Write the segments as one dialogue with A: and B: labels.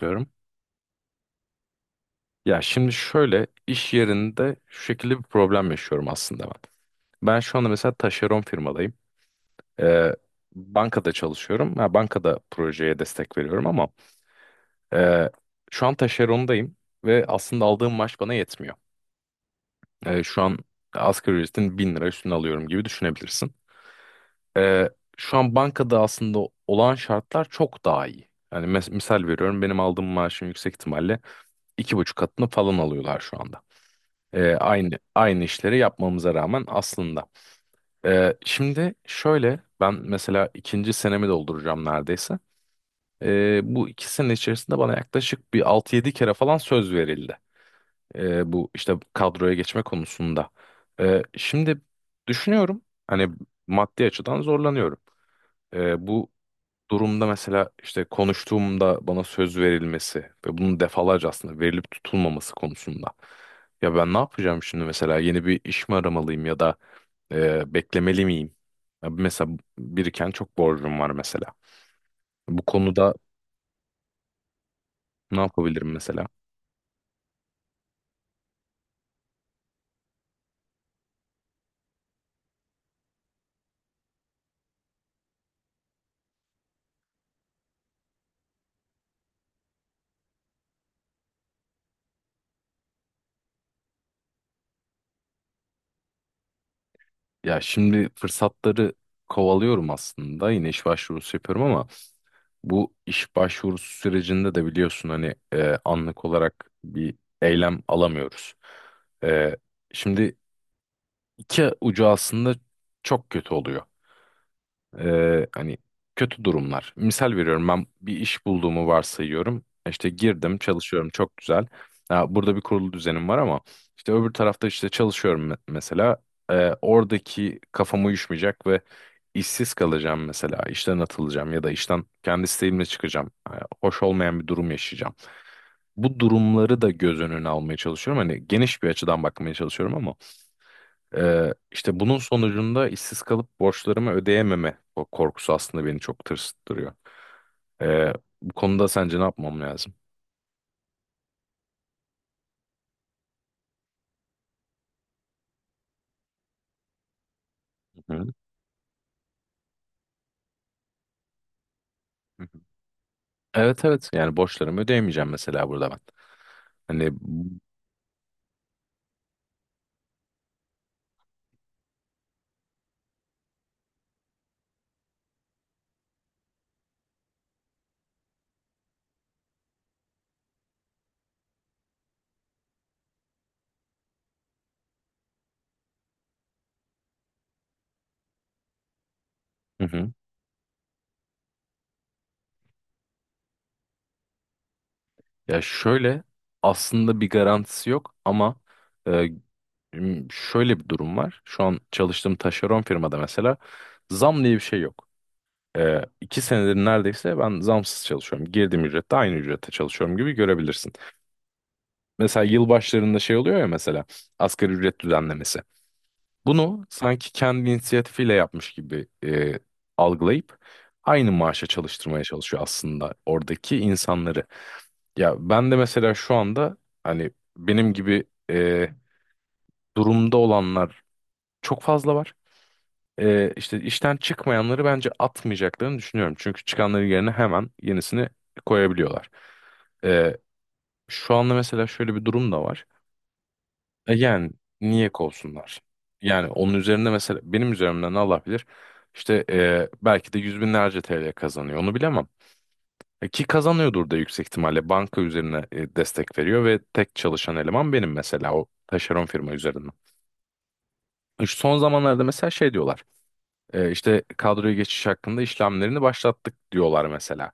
A: Diyorum. Ya şimdi şöyle iş yerinde şu şekilde bir problem yaşıyorum aslında ben. Ben şu anda mesela taşeron firmadayım. Ee, bankada çalışıyorum. Ha, bankada projeye destek veriyorum ama e, şu an taşerondayım ve aslında aldığım maaş bana yetmiyor. Şu an asgari ücretin bin lira üstüne alıyorum gibi düşünebilirsin. Ee, şu an bankada aslında olan şartlar çok daha iyi. Yani misal veriyorum benim aldığım maaşın yüksek ihtimalle 2,5 katını falan alıyorlar şu anda. Aynı işleri yapmamıza rağmen aslında. Şimdi şöyle ben mesela ikinci senemi dolduracağım neredeyse. Bu iki sene içerisinde bana yaklaşık bir altı yedi kere falan söz verildi. Bu işte kadroya geçme konusunda. Şimdi düşünüyorum hani maddi açıdan zorlanıyorum. Bu durumda mesela işte konuştuğumda bana söz verilmesi ve bunun defalarca aslında verilip tutulmaması konusunda. Ya ben ne yapacağım şimdi mesela yeni bir iş mi aramalıyım ya da beklemeli miyim? Ya mesela biriken çok borcum var mesela. Bu konuda ne yapabilirim mesela? Ya şimdi fırsatları kovalıyorum aslında yine iş başvurusu yapıyorum ama bu iş başvurusu sürecinde de biliyorsun hani anlık olarak bir eylem alamıyoruz. E, şimdi iki ucu aslında çok kötü oluyor. Hani kötü durumlar. Misal veriyorum ben bir iş bulduğumu varsayıyorum. İşte girdim çalışıyorum çok güzel. Ya burada bir kurulu düzenim var ama işte öbür tarafta işte çalışıyorum mesela. Oradaki kafam uyuşmayacak ve işsiz kalacağım mesela. İşten atılacağım ya da işten kendi isteğimle çıkacağım. Hoş olmayan bir durum yaşayacağım. Bu durumları da göz önüne almaya çalışıyorum. Hani geniş bir açıdan bakmaya çalışıyorum ama işte bunun sonucunda işsiz kalıp borçlarımı ödeyememe o korkusu aslında beni çok tırsıttırıyor. Ee, bu konuda sence ne yapmam lazım? Hı hı. Hı hı. Evet evet yani borçlarımı ödeyemeyeceğim mesela burada ben. Hani. Hı hı. Ya şöyle aslında bir garantisi yok ama e, şöyle bir durum var. Şu an çalıştığım taşeron firmada mesela zam diye bir şey yok. İki senedir neredeyse ben zamsız çalışıyorum. Girdiğim ücrette aynı ücrette çalışıyorum gibi görebilirsin. Mesela yıl başlarında şey oluyor ya mesela asgari ücret düzenlemesi. Bunu sanki kendi inisiyatifiyle yapmış gibi algılayıp aynı maaşa çalıştırmaya çalışıyor aslında oradaki insanları. Ya ben de mesela şu anda hani benim gibi e, durumda olanlar çok fazla var. E, işte işten çıkmayanları bence atmayacaklarını düşünüyorum. Çünkü çıkanların yerine hemen yenisini koyabiliyorlar. E, şu anda mesela şöyle bir durum da var. Yani niye kovsunlar? Yani onun üzerinde mesela benim üzerimden Allah bilir işte belki de yüz binlerce TL kazanıyor onu bilemem. Ki kazanıyordur da yüksek ihtimalle banka üzerine destek veriyor ve tek çalışan eleman benim mesela o taşeron firma üzerinden. Son zamanlarda mesela şey diyorlar. E, işte kadroya geçiş hakkında işlemlerini başlattık diyorlar mesela.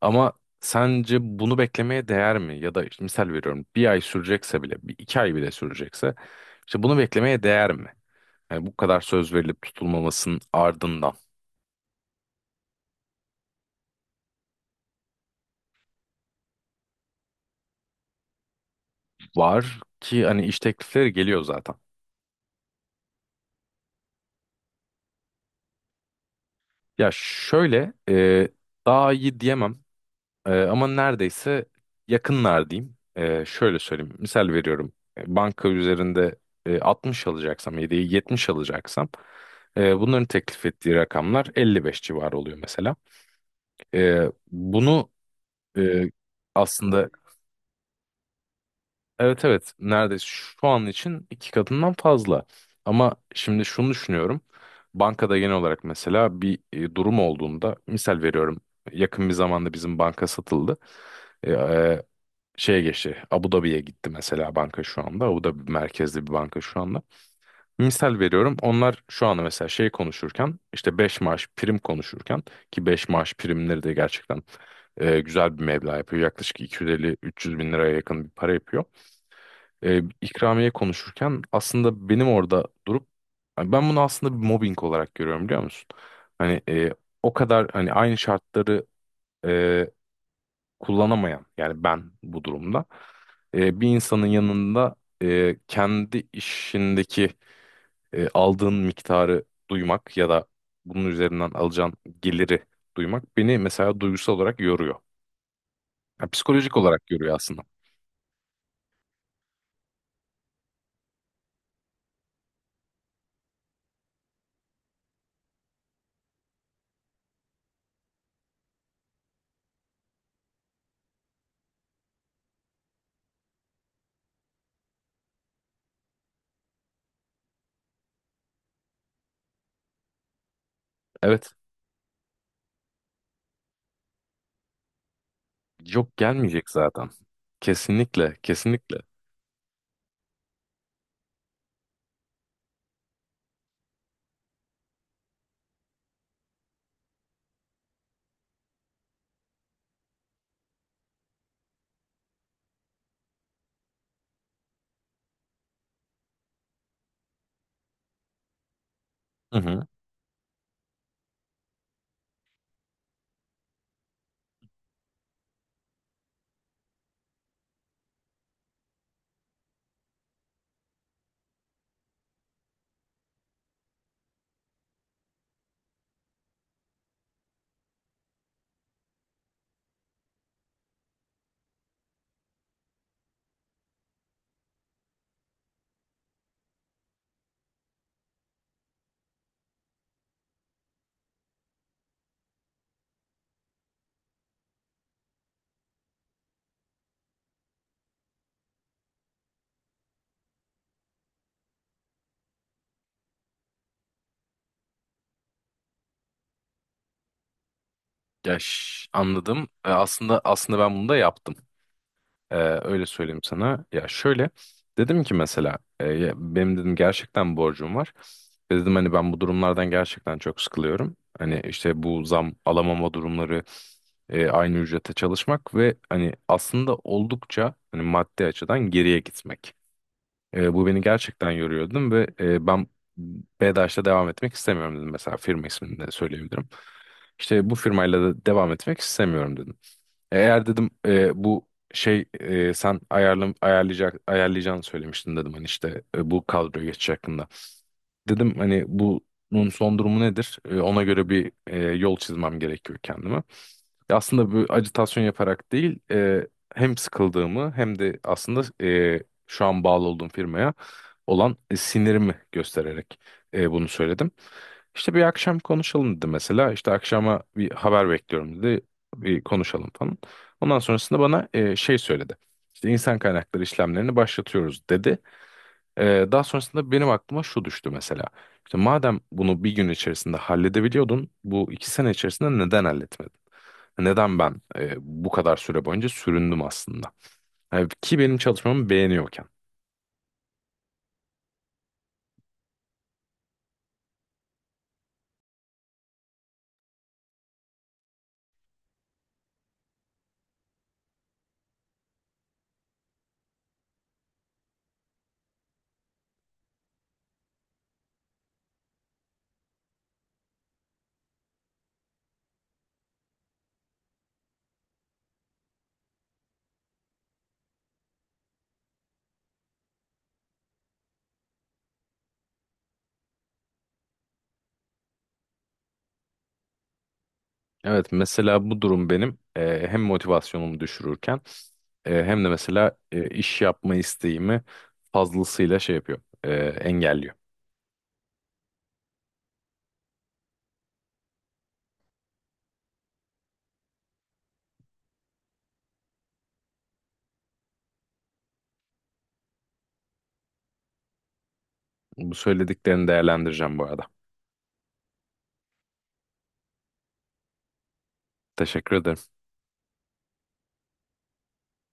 A: Ama sence bunu beklemeye değer mi? Ya da işte misal veriyorum bir ay sürecekse bile, bir iki ay bile sürecekse işte bunu beklemeye değer mi? Yani bu kadar söz verilip tutulmamasının ardından var ki hani iş teklifleri geliyor zaten. Ya şöyle daha iyi diyemem. Ama neredeyse yakınlar diyeyim. Şöyle söyleyeyim. Misal veriyorum. Banka üzerinde 60 alacaksam, yedeği 70 alacaksam bunların teklif ettiği rakamlar 55 civarı oluyor mesela. Bunu e, aslında evet evet neredeyse şu an için iki katından fazla. Ama şimdi şunu düşünüyorum. Bankada genel olarak mesela bir durum olduğunda misal veriyorum. Yakın bir zamanda bizim banka satıldı. E, e, şeye geçti. Abu Dhabi'ye gitti mesela banka şu anda. Abu Dhabi merkezli bir banka şu anda. Misal veriyorum. Onlar şu anda mesela şey konuşurken işte 5 maaş prim konuşurken ki 5 maaş primleri de gerçekten güzel bir meblağ yapıyor. Yaklaşık 250-300 bin liraya yakın bir para yapıyor. E, ikramiye konuşurken aslında benim orada durup hani ben bunu aslında bir mobbing olarak görüyorum biliyor musun? Hani o kadar hani aynı şartları e, kullanamayan yani ben bu durumda bir insanın yanında kendi işindeki aldığın miktarı duymak ya da bunun üzerinden alacağın geliri duymak beni mesela duygusal olarak yoruyor. Yani psikolojik olarak yoruyor aslında. Evet. Yok gelmeyecek zaten. Kesinlikle, kesinlikle. Hı hı. Ya anladım. Aslında ben bunu da yaptım. Ee, öyle söyleyeyim sana. Ya şöyle dedim ki mesela ya benim dedim gerçekten borcum var. Ve dedim hani ben bu durumlardan gerçekten çok sıkılıyorum. Hani işte bu zam alamama durumları aynı ücrete çalışmak ve hani aslında oldukça hani maddi açıdan geriye gitmek. Bu beni gerçekten yoruyordu ve ben BEDAŞ'ta devam etmek istemiyorum dedim. Mesela firma ismini de söyleyebilirim. İşte bu firmayla da devam etmek istemiyorum dedim. Eğer dedim bu şey sen ayarlam ayarlayacak ayarlayacağını söylemiştin dedim hani işte bu kadroya geçiş hakkında. Dedim hani bunun son durumu nedir? Ona göre bir yol çizmem gerekiyor kendime. Aslında bu ajitasyon yaparak değil, hem sıkıldığımı hem de aslında şu an bağlı olduğum firmaya olan sinirimi göstererek bunu söyledim. İşte bir akşam konuşalım dedi mesela. İşte akşama bir haber bekliyorum dedi. Bir konuşalım falan. Ondan sonrasında bana şey söyledi. İşte insan kaynakları işlemlerini başlatıyoruz dedi. Daha sonrasında benim aklıma şu düştü mesela. İşte madem bunu bir gün içerisinde halledebiliyordun, bu iki sene içerisinde neden halletmedin? Neden ben bu kadar süre boyunca süründüm aslında? Yani ki benim çalışmamı beğeniyorken. Evet mesela bu durum benim hem motivasyonumu düşürürken hem de mesela iş yapma isteğimi fazlasıyla şey yapıyor, engelliyor. Bu söylediklerini değerlendireceğim bu arada. Teşekkür ederim.